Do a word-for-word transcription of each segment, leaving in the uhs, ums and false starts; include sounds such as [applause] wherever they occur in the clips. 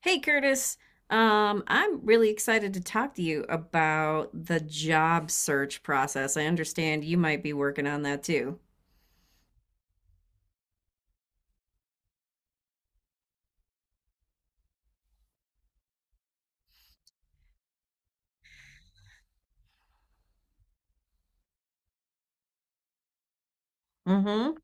Hey, Curtis. Um, I'm really excited to talk to you about the job search process. I understand you might be working on that too. Mm-hmm.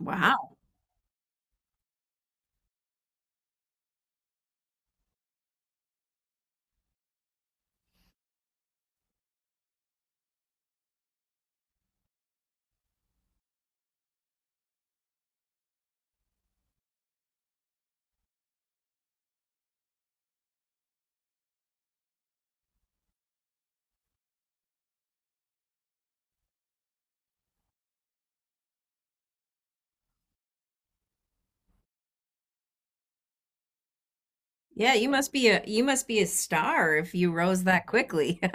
Wow. Yeah, you must be a you must be a star if you rose that quickly. [laughs]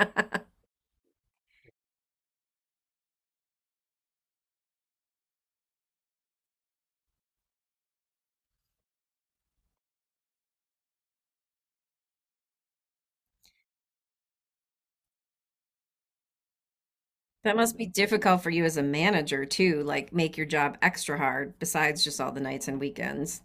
That must be difficult for you as a manager too, like make your job extra hard besides just all the nights and weekends.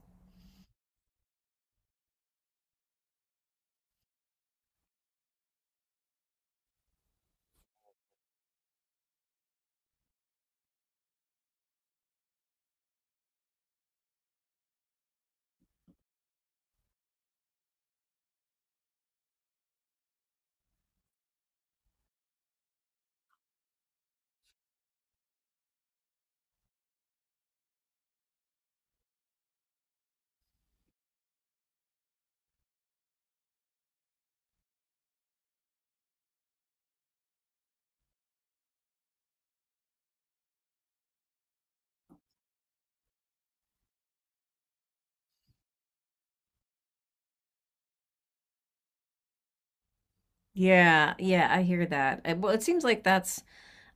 Yeah, yeah, I hear that. Uh, Well, it seems like that's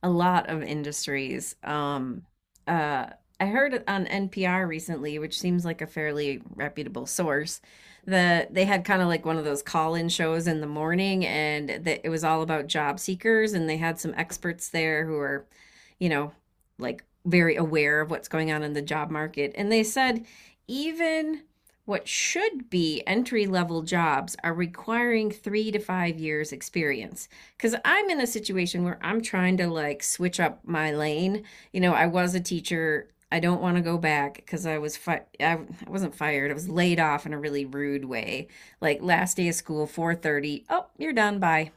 a lot of industries. Um, uh, I heard on N P R recently, which seems like a fairly reputable source, that they had kind of like one of those call-in shows in the morning, and that it was all about job seekers, and they had some experts there who are, you know, like very aware of what's going on in the job market, and they said even what should be entry-level jobs are requiring three to five years experience. Because I'm in a situation where I'm trying to like switch up my lane. You know, I was a teacher. I don't want to go back because I was fi- I I wasn't fired. I was laid off in a really rude way. Like last day of school, four thirty. Oh, you're done. Bye.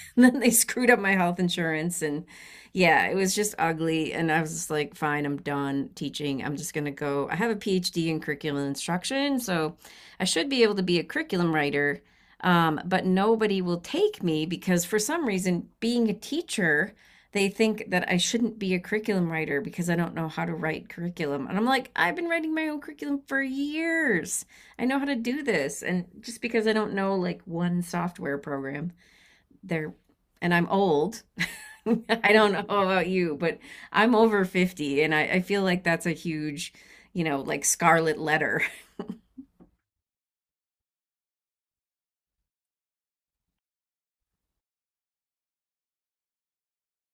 [laughs] And then they screwed up my health insurance and yeah, it was just ugly. And I was just like, fine, I'm done teaching. I'm just gonna go. I have a PhD in curriculum instruction, so I should be able to be a curriculum writer. Um, but nobody will take me because for some reason, being a teacher, they think that I shouldn't be a curriculum writer because I don't know how to write curriculum. And I'm like, I've been writing my own curriculum for years. I know how to do this. And just because I don't know like one software program they're and I'm old. [laughs] I don't know about you, but I'm over fifty and I, I feel like that's a huge, you know, like scarlet letter.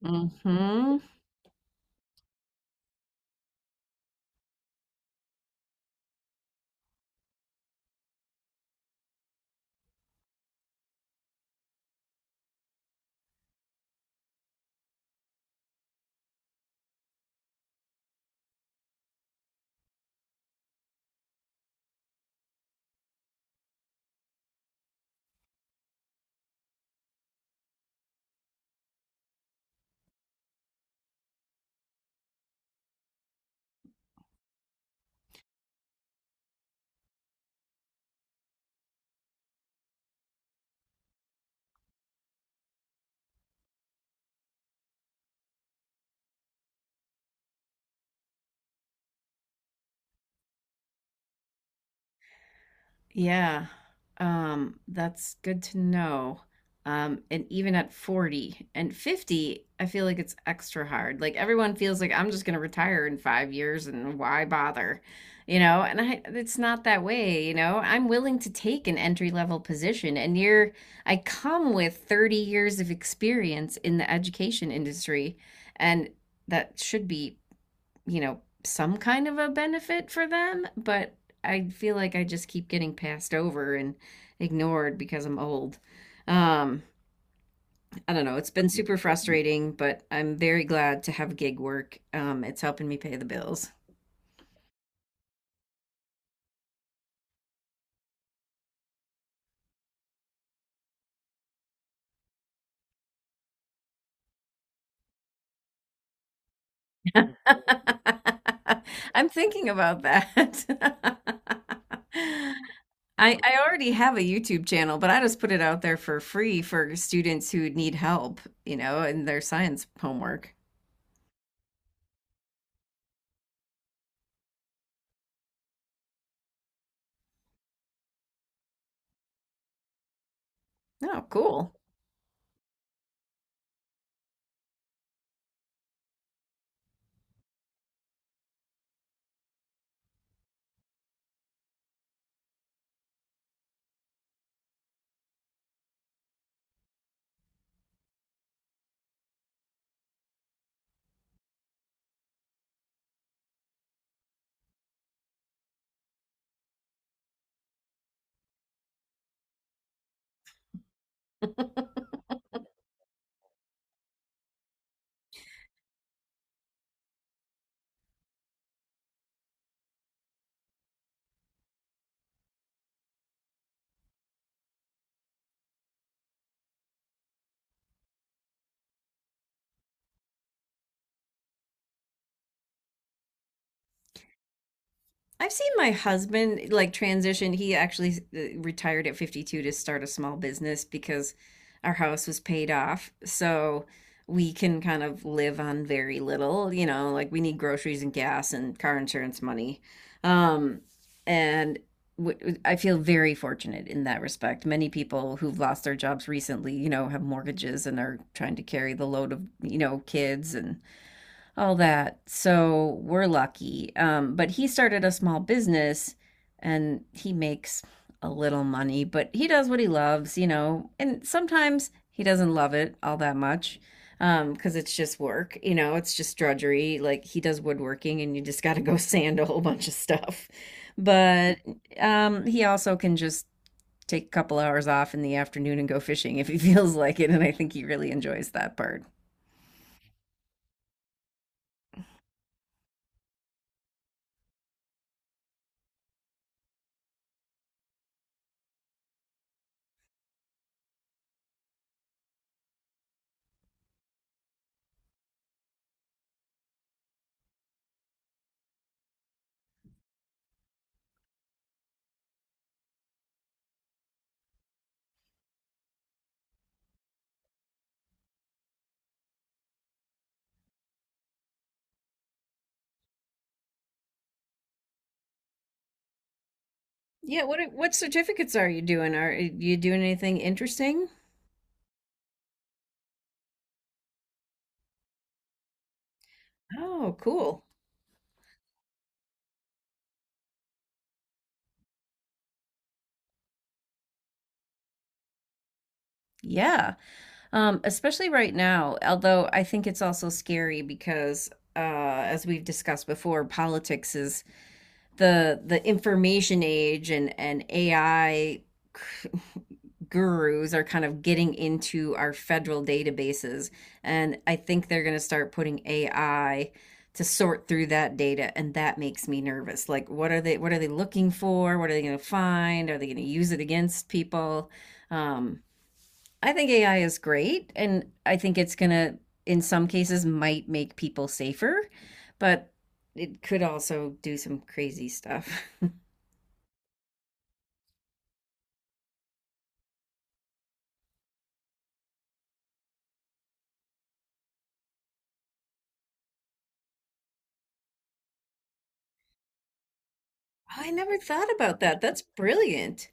[laughs] hmm Yeah. Um, that's good to know. Um, and even at forty and fifty, I feel like it's extra hard. Like everyone feels like I'm just going to retire in five years and why bother? You know, and I, it's not that way, you know. I'm willing to take an entry level position and you're, I come with thirty years of experience in the education industry and that should be, you know, some kind of a benefit for them, but I feel like I just keep getting passed over and ignored because I'm old. Um, I don't know. It's been super frustrating, but I'm very glad to have gig work. Um, it's helping me pay the bills. [laughs] I'm thinking about that. [laughs] I, I already have a YouTube channel, but I just put it out there for free for students who need help, you know, in their science homework. Oh, cool. I've seen my husband like transition. He actually uh, retired at fifty-two to start a small business because our house was paid off. So we can kind of live on very little, you know, like we need groceries and gas and car insurance money. Um, and w- I feel very fortunate in that respect. Many people who've lost their jobs recently, you know, have mortgages and are trying to carry the load of, you know, kids and all that. So we're lucky. Um, but he started a small business and he makes a little money, but he does what he loves, you know, and sometimes he doesn't love it all that much. Um, because it's just work, you know, it's just drudgery. Like he does woodworking and you just got to go [laughs] sand a whole bunch of stuff. But um, he also can just take a couple hours off in the afternoon and go fishing if he [laughs] feels like it. And I think he really enjoys that part. Yeah, what are- what certificates are you doing? Are you doing anything interesting? Oh, cool. Yeah. Um, especially right now, although I think it's also scary because uh, as we've discussed before, politics is the the information age and and A I gurus are kind of getting into our federal databases, and I think they're going to start putting A I to sort through that data, and that makes me nervous. Like what are they what are they looking for? What are they going to find? Are they going to use it against people? Um I think A I is great, and I think it's gonna, in some cases, might make people safer, but it could also do some crazy stuff. [laughs] I never thought about that. That's brilliant.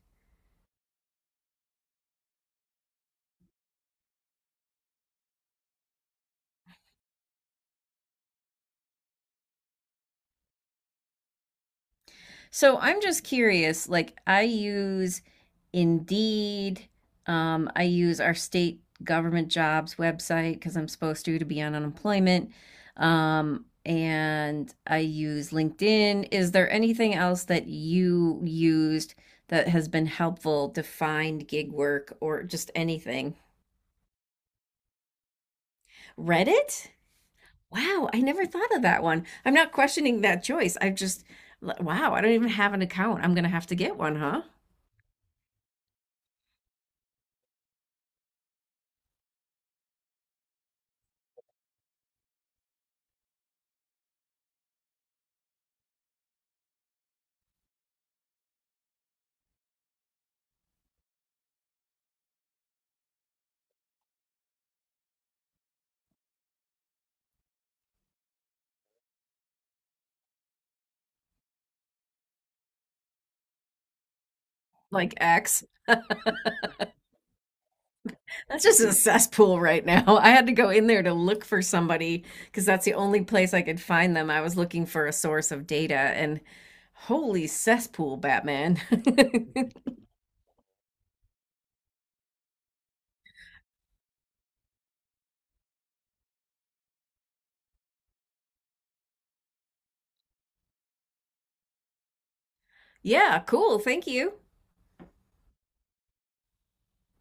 So I'm just curious, like I use Indeed, um, I use our state government jobs website because I'm supposed to to be on unemployment, um, and I use LinkedIn. Is there anything else that you used that has been helpful to find gig work or just anything? Reddit? Wow, I never thought of that one. I'm not questioning that choice. I've just, wow, I don't even have an account. I'm gonna have to get one, huh? Like X. That's just a cesspool right now. [laughs] I had to go in there to look for somebody because that's the only place I could find them. I was looking for a source of data and holy cesspool, Batman. [laughs] Yeah, cool. Thank you.